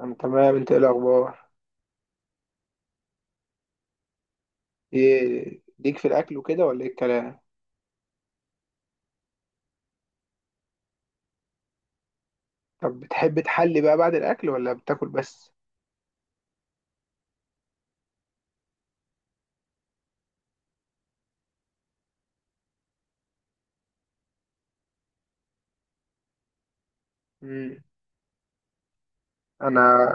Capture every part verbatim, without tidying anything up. انا تمام، انت ايه الاخبار؟ ايه ليك في الاكل وكده ولا ايه الكلام؟ طب بتحب تحلي بقى بعد الاكل ولا بتاكل بس؟ امم. انا.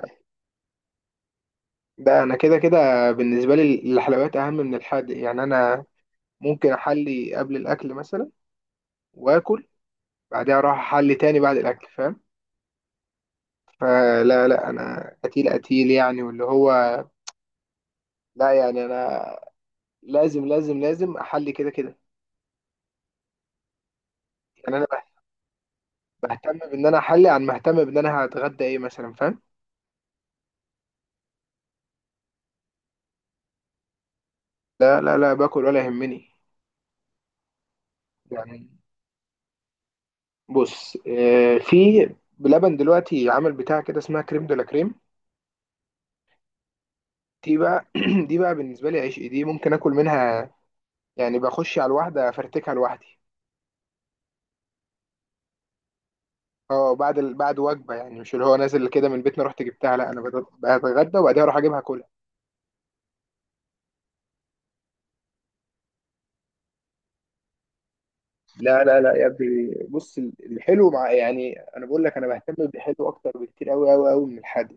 ده انا كده كده، بالنسبه لي الحلويات اهم من الحادق، يعني انا ممكن احلي قبل الاكل مثلا واكل بعدها اروح احلي تاني بعد الاكل، فاهم؟ فلا لا، انا قتيل قتيل يعني، واللي هو لا يعني انا لازم لازم لازم احلي كده كده. يعني انا بهتم بان انا احلي عن مهتم بان انا هتغدى ايه مثلا، فاهم؟ لا لا لا، باكل ولا يهمني. يعني بص، آه، في بلبن دلوقتي عامل بتاع كده اسمها كريم دولا كريم، دي بقى دي بقى بالنسبه لي عشق، دي ممكن اكل منها يعني، بخش على الواحده افرتكها لوحدي. اه بعد ال- بعد وجبه، يعني مش اللي هو نازل كده من بيتنا رحت جبتها، لا انا بت- بتغدى وبعدها اروح اجيبها كلها. لا لا لا يا ابني، بص ال- الحلو مع، يعني انا بقول لك انا بهتم بالحلو اكتر بكتير قوي قوي قوي من الحادق.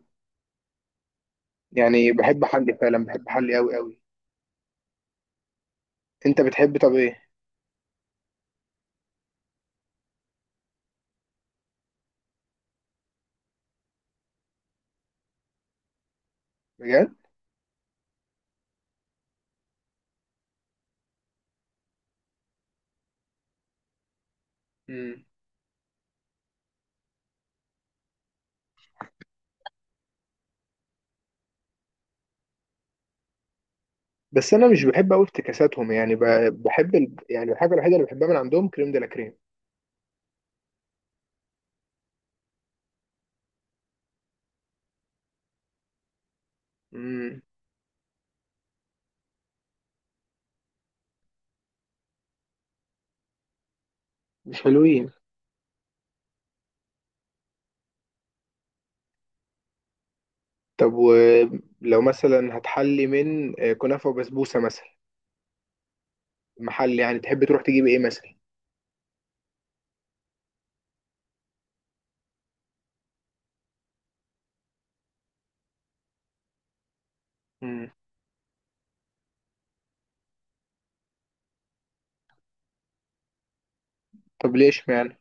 يعني بحب حلي فعلا، بحب حلي قوي قوي. انت بتحب طب ايه؟ بجد؟ مم. بس انا مش بحب قوي افتكاساتهم، يعني ب- بحب ال... يعني الحاجه الوحيده اللي بحبها من عندهم كريم دي لا كريم. مم، مش حلوين. طب ولو مثلا هتحلي من آه، كنافه وبسبوسه مثلا، محل يعني تحب تروح تجيب ايه مثلا؟ مم. طب ليش يعني؟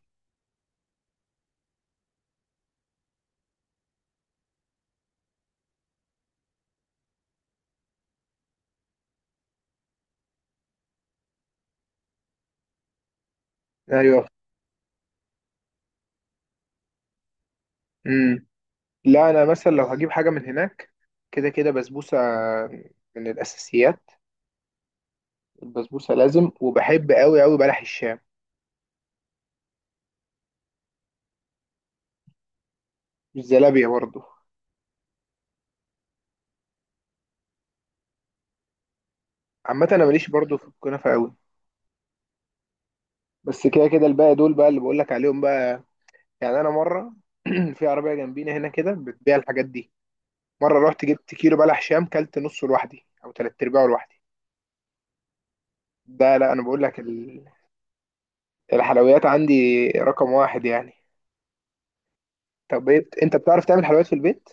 ايوه. مم. لا انا مثلا لو هجيب حاجه من هناك كده كده بسبوسه من الاساسيات. البسبوسه لازم، وبحب قوي قوي بلح الشام، الزلابيه برضو. عامه انا ماليش برضو في الكنافه قوي، بس كده كده الباقي دول بقى اللي بقول لك عليهم بقى. يعني انا مره في عربيه جنبينا هنا كده بتبيع الحاجات دي، مره رحت جبت كيلو بلح شام كلت نصه لوحدي او تلات ارباعه لوحدي. ده لا انا بقول لك ال- الحلويات عندي رقم واحد يعني. طب إيه بت- انت بتعرف تعمل حلويات في البيت؟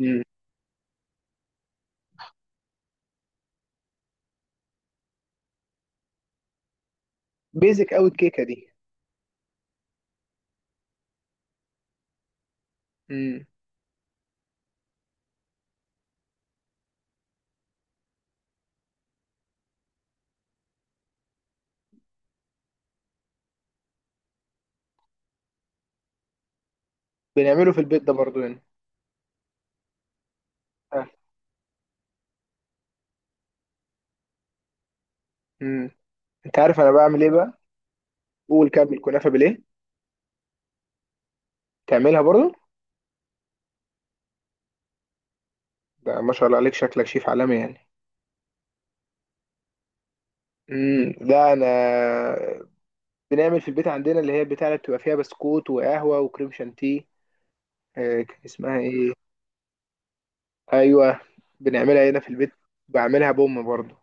امم. بيزك قوي الكيكه دي. امم. بنعمله في البيت ده برضو هنا. امم. انت عارف انا بعمل ايه بقى؟ قول. كمل. كنافه بالايه؟ تعملها برضو؟ ده ما شاء الله عليك، شكلك شيف عالمي يعني. امم. ده انا بنعمل في البيت عندنا اللي هي البتاعة اللي بتبقى فيها بسكوت وقهوة وكريم شانتيه، آه، كان اسمها ايه؟ ايوه. بنعملها هنا في البيت، بعملها بأم برضه.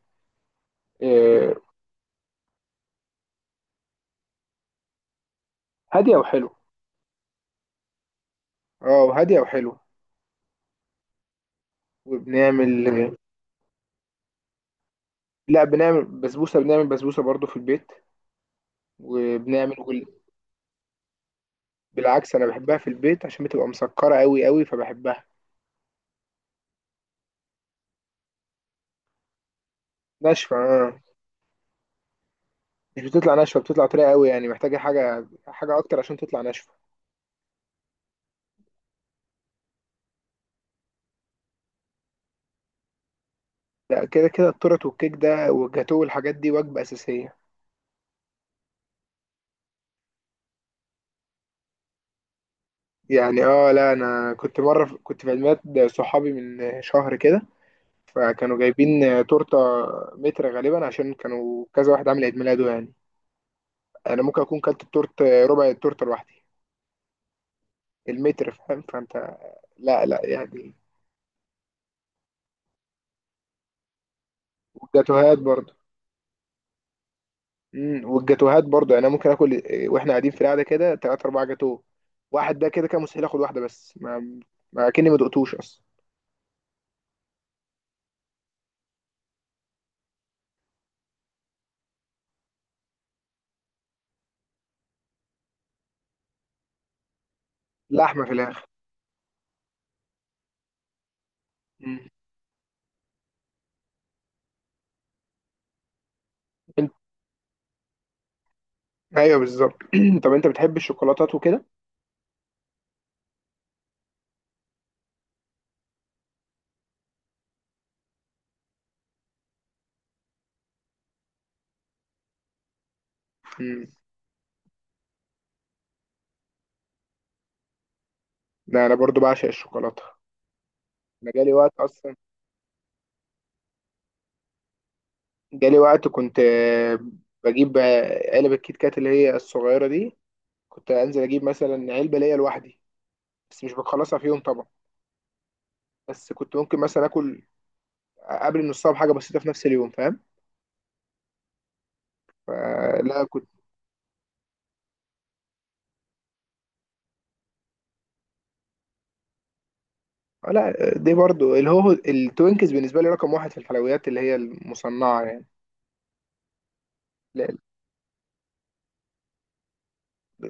آه، هادية وحلو. اه هادية وحلو. وبنعمل. لا بنعمل بسبوسة، بنعمل بسبوسة برضه في البيت، وبنعمل جل... بالعكس انا بحبها في البيت عشان بتبقى مسكرة قوي قوي، فبحبها. ناشفة آه. مش بتطلع ناشفة، بتطلع طرية قوي يعني، محتاجة حاجة حاجة اكتر عشان تطلع ناشفة. لا كده كده التورت والكيك ده والجاتوه والحاجات دي وجبة أساسية يعني. اه لا انا كنت مره في- كنت في عيد ميلاد صحابي من شهر كده، فكانوا جايبين تورته متر غالبا عشان كانوا كذا واحد عامل عيد ميلاده يعني. انا ممكن اكون كلت التورت ربع التورته لوحدي، المتر، فاهم فانت؟ لا لا يعني، والجاتوهات برضو. امم. والجاتوهات برضو، يعني انا ممكن اكل واحنا قاعدين في القعده كده ثلاثة اربعة جاتوه واحد، ده كده كان مستحيل اخد واحده بس، ما ما كأني ما دقتوش اصلا. لحمه في الاخر. امم. انت. ايوه بالظبط. طب انت بتحب الشوكولاتات وكده؟ لا انا برضو بعشق الشوكولاته، انا جالي وقت اصلا. جالي وقت كنت آه، بجيب آه، علب الكيت كات اللي هي الصغيره دي، كنت انزل اجيب مثلا علبه ليا لوحدي. بس مش بخلصها في يوم طبعا، بس كنت ممكن مثلا اكل قبل نصها بحاجه بسيطه في نفس اليوم، فاهم؟ آه، لا كنت آه، لا دي برضو اللي هو التوينكس بالنسبه لي رقم واحد في الحلويات اللي هي المصنعه يعني. لا،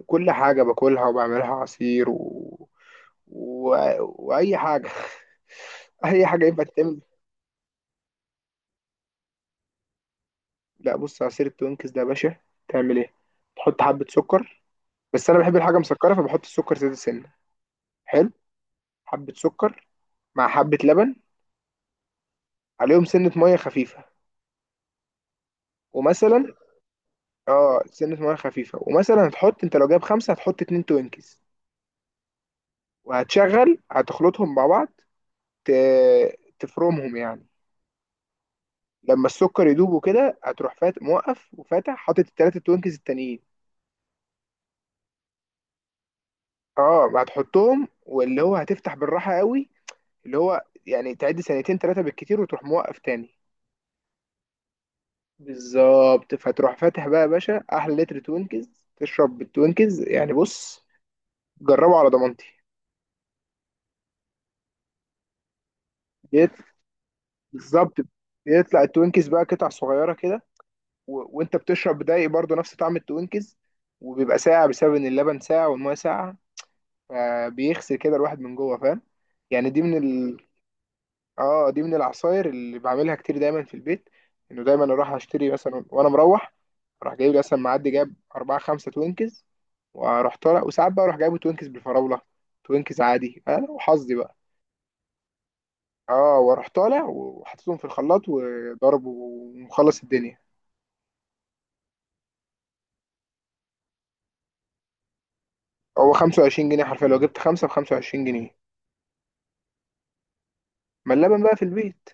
كل حاجه باكلها وبعملها عصير و... و... واي حاجه، اي حاجه ينفع تتعمل. لا بص عصير التوينكس ده يا باشا، تعمل ايه؟ تحط حبة سكر، بس انا بحب الحاجة مسكرة فبحط السكر زيادة سنة. حلو. حبة سكر مع حبة لبن، عليهم سنة مية خفيفة. ومثلا، اه سنة مية خفيفة، ومثلا هتحط انت لو جايب خمسة هتحط اتنين توينكس، وهتشغل هتخلطهم مع بعض، ت... تفرمهم يعني. لما السكر يدوب وكده هتروح فات موقف وفاتح حاطط التلاتة توينكس التانيين، اه هتحطهم واللي هو هتفتح بالراحة قوي. اللي هو يعني تعد سنتين ثلاثة بالكتير وتروح موقف تاني. بالظبط، فتروح فاتح بقى يا باشا أحلى لتر توينكز، تشرب بالتوينكز يعني. بص، جربه على ضمانتي. بيت- بالظبط، بيطلع التوينكز بقى قطع صغيرة كده، و... وأنت بتشرب دايق برضه نفس طعم التوينكز، وبيبقى ساقع بسبب إن اللبن ساقع والمية ساقعة، فبيغسل كده الواحد من جوه، فاهم؟ يعني دي من، اه دي من العصاير اللي بعملها كتير دايما في البيت. انه دايما اروح اشتري مثلا وانا مروح، اروح جايب لي مثلا معدي جاب اربعة خمسة توينكز، واروح طالع. وساعات بقى اروح جايبه توينكز بالفراولة، توينكز عادي، انا وحظي بقى. اه واروح طالع وحطيتهم في الخلاط وضرب ومخلص الدنيا. هو خمسة وعشرين جنيه حرفيا، لو جبت خمسة ب خمسة وعشرين جنيه. ما اللبن بقى في البيت.